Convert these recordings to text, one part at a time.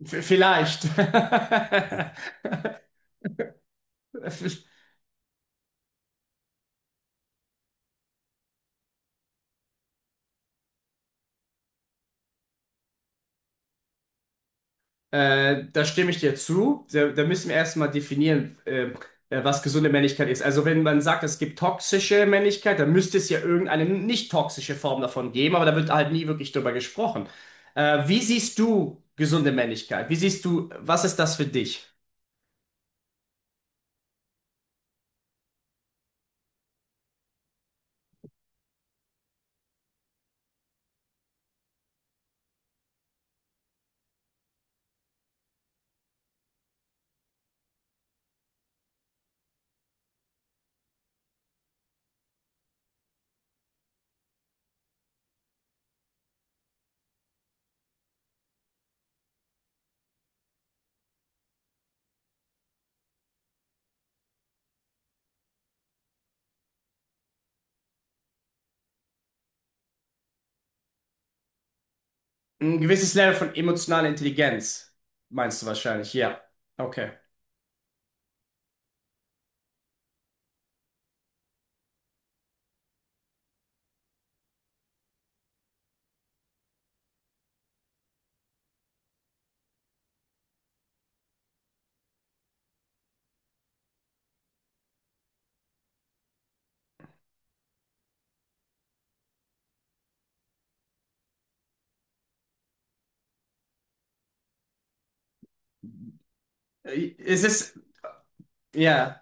Vielleicht. Da stimme ich dir zu. Da müssen wir erstmal definieren, was gesunde Männlichkeit ist. Also wenn man sagt, es gibt toxische Männlichkeit, dann müsste es ja irgendeine nicht toxische Form davon geben, aber da wird halt nie wirklich drüber gesprochen. Wie siehst du gesunde Männlichkeit? Wie siehst du, was ist das für dich? Ein gewisses Level von emotionaler Intelligenz, meinst du wahrscheinlich, ja. Okay. Es ist, ja.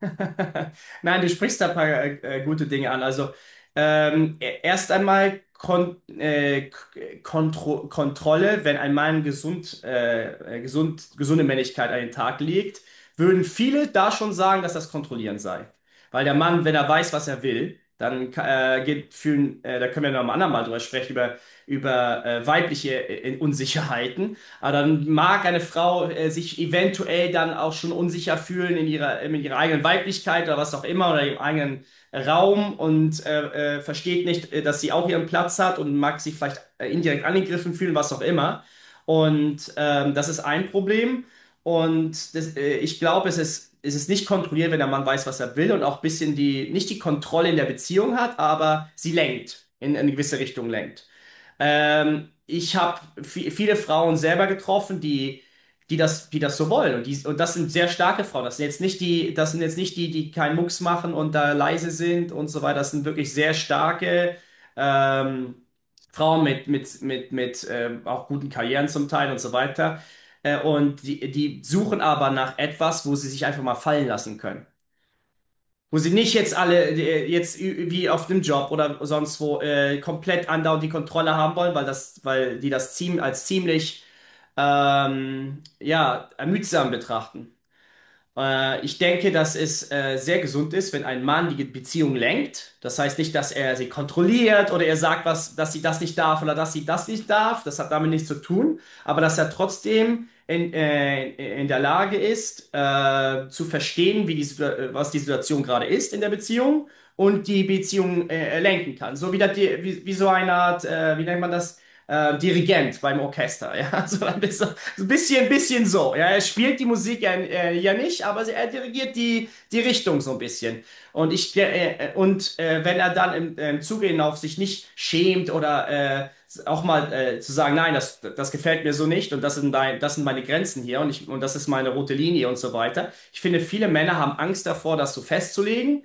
Nein, du sprichst da ein paar gute Dinge an. Also erst einmal Kon Kontrolle, wenn ein Mann gesund, gesund, gesunde Männlichkeit an den Tag legt, würden viele da schon sagen, dass das Kontrollieren sei. Weil der Mann, wenn er weiß, was er will, dann geht fühlen, da können wir noch am anderen Mal drüber sprechen, über weibliche Unsicherheiten. Aber dann mag eine Frau sich eventuell dann auch schon unsicher fühlen in ihrer eigenen Weiblichkeit oder was auch immer oder ihrem eigenen Raum und versteht nicht, dass sie auch ihren Platz hat und mag sich vielleicht indirekt angegriffen fühlen, was auch immer. Und das ist ein Problem. Und das, ich glaube, es ist nicht kontrolliert, wenn der Mann weiß, was er will und auch ein bisschen die, nicht die Kontrolle in der Beziehung hat, aber sie lenkt, in eine gewisse Richtung lenkt. Ich habe viele Frauen selber getroffen, die, die das so wollen. Und, die, und das sind sehr starke Frauen. Das sind jetzt nicht die, das sind jetzt nicht die, die keinen Mucks machen und da leise sind und so weiter. Das sind wirklich sehr starke ähm, Frauen mit auch guten Karrieren zum Teil und so weiter. Und die, die suchen aber nach etwas, wo sie sich einfach mal fallen lassen können. Wo sie nicht jetzt alle, jetzt wie auf dem Job oder sonst wo, komplett andauernd die Kontrolle haben wollen, weil das, weil die das ziemlich, ja, ermüdsam betrachten. Ich denke, dass es sehr gesund ist, wenn ein Mann die Beziehung lenkt. Das heißt nicht, dass er sie kontrolliert oder er sagt, was, dass sie das nicht darf oder dass sie das nicht darf. Das hat damit nichts zu tun. Aber dass er trotzdem in der Lage ist, zu verstehen, wie die, was die Situation gerade ist in der Beziehung und die Beziehung lenken kann. So wie, das, wie, wie so eine Art, wie nennt man das? Dirigent beim Orchester, ja, so ein bisschen, so ein bisschen so, ja, er spielt die Musik ja, ja nicht, aber er dirigiert die, die Richtung so ein bisschen. Und ich, und wenn er dann im, im Zuge hinauf sich nicht schämt oder äh, auch mal zu sagen, nein, das, das gefällt mir so nicht und das sind, dein, das sind meine Grenzen hier und, ich, und das ist meine rote Linie und so weiter. Ich finde, viele Männer haben Angst davor, das so festzulegen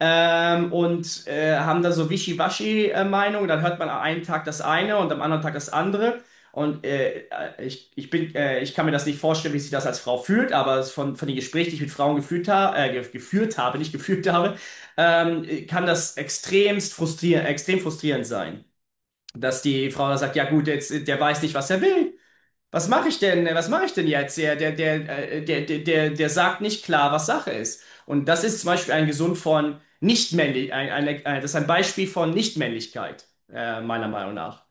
und haben da so Wischiwaschi-Meinung. Dann hört man am einen Tag das eine und am anderen Tag das andere. Und ich, ich bin, ich kann mir das nicht vorstellen, wie sich das als Frau fühlt, aber es von den Gesprächen, die ich mit Frauen geführt habe, nicht gefühlt habe, kann das extrem frustrierend sein. Dass die Frau dann sagt, ja gut, jetzt, der weiß nicht, was er will. Was mache ich denn? Was mache ich denn jetzt? Der sagt nicht klar, was Sache ist. Und das ist zum Beispiel ein Gesund von Nichtmännlich, ein, eine, das ist ein Beispiel von Nichtmännlichkeit, meiner Meinung nach.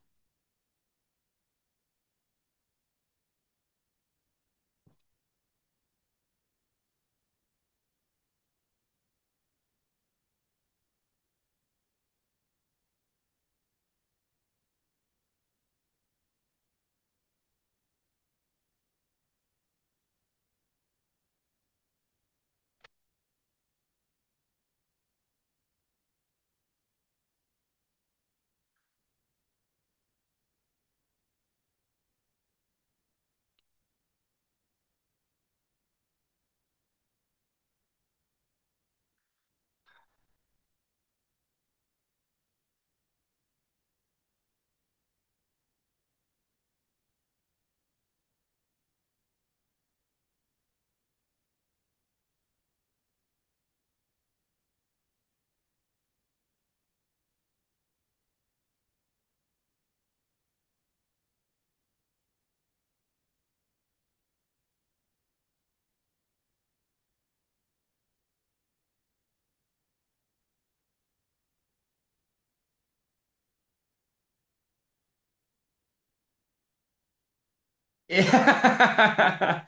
Ja.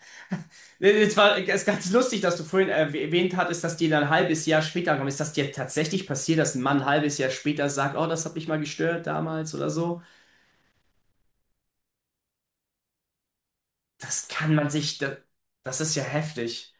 Es ist ganz lustig, dass du vorhin erwähnt hattest, dass dir dann ein halbes Jahr später kommt. Ist das dir tatsächlich passiert, dass ein Mann ein halbes Jahr später sagt, oh, das hat mich mal gestört damals oder so? Das kann man sich, das, das ist ja heftig.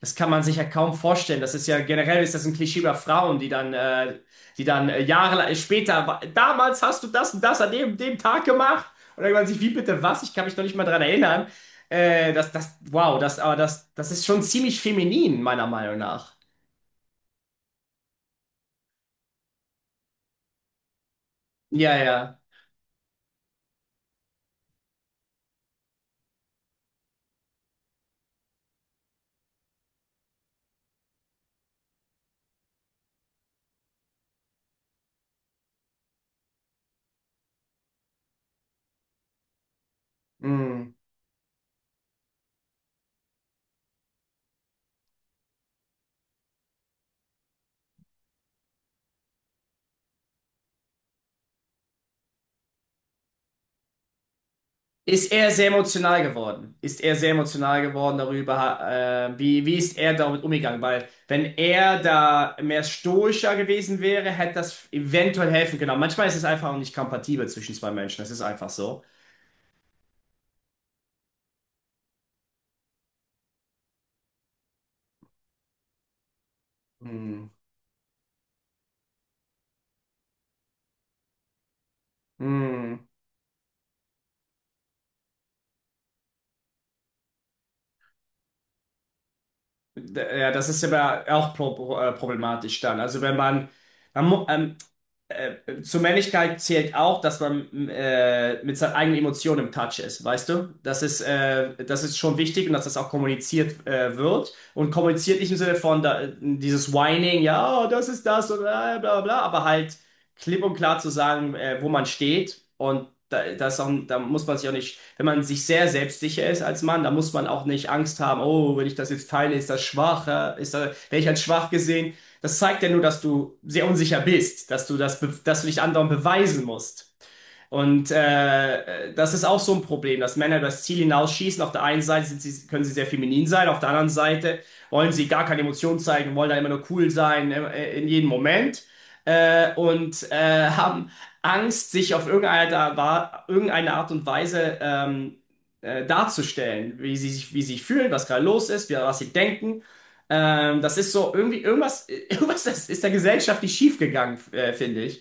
Das kann man sich ja kaum vorstellen. Das ist ja generell ist das ein Klischee über Frauen, die dann, Jahre später, damals hast du das und das an dem, dem Tag gemacht. Und dann denkt man sich, wie bitte was? Ich kann mich noch nicht mal dran erinnern. Wow, das, aber das, das ist schon ziemlich feminin, meiner Meinung nach. Ja, ja. Mm. Ist er sehr emotional geworden? Ist er sehr emotional geworden darüber, wie, wie ist er damit umgegangen? Weil wenn er da mehr stoischer gewesen wäre, hätte das eventuell helfen können. Aber manchmal ist es einfach auch nicht kompatibel zwischen zwei Menschen. Das ist einfach so. Hm. Hm. Ja, das ist aber auch problematisch dann. Also wenn man, man mu- ähm, zur Männlichkeit zählt auch, dass man mit seinen eigenen Emotionen im Touch ist, weißt du? Das ist schon wichtig und dass das auch kommuniziert wird. Und kommuniziert nicht im Sinne von da, dieses Whining, ja, oh, das ist das und bla bla bla, aber halt klipp und klar zu sagen, wo man steht. Und da, das ist auch, da muss man sich auch nicht, wenn man sich sehr selbstsicher ist als Mann, da muss man auch nicht Angst haben, oh, wenn ich das jetzt teile, ist das schwach, ja? Ist da, werde ich als schwach gesehen? Das zeigt ja nur, dass du sehr unsicher bist, dass du das, dass du dich anderen beweisen musst. Und das ist auch so ein Problem, dass Männer das Ziel hinausschießen. Auf der einen Seite sind sie, können sie sehr feminin sein, auf der anderen Seite wollen sie gar keine Emotionen zeigen, wollen da immer nur cool sein in jedem Moment und haben Angst, sich auf irgendeine, irgendeine Art und Weise darzustellen, wie sie sich fühlen, was gerade los ist, wie, was sie denken. Das ist so irgendwie irgendwas, irgendwas ist, ist der Gesellschaft nicht schiefgegangen, finde ich.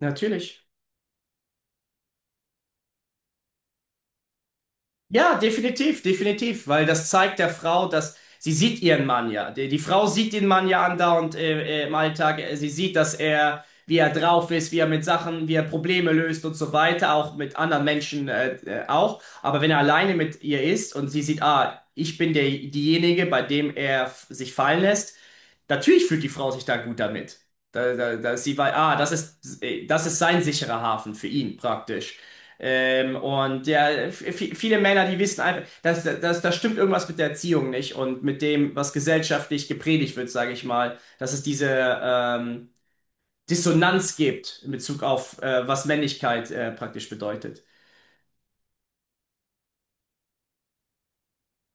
Natürlich. Ja, definitiv, definitiv, weil das zeigt der Frau, dass sie sieht ihren Mann ja. Die, die Frau sieht den Mann ja andauernd im Alltag. Sie sieht, dass er, wie er drauf ist, wie er mit Sachen, wie er Probleme löst und so weiter, auch mit anderen Menschen auch. Aber wenn er alleine mit ihr ist und sie sieht, ah, ich bin der, diejenige, bei dem er sich fallen lässt, natürlich fühlt die Frau sich da gut damit. Da sie weiß, ah, das ist sein sicherer Hafen für ihn praktisch. Und ja, viele Männer, die wissen einfach, dass, dass, da stimmt irgendwas mit der Erziehung nicht und mit dem, was gesellschaftlich gepredigt wird, sage ich mal, dass es diese ähm, Dissonanz gibt in Bezug auf, was Männlichkeit praktisch bedeutet.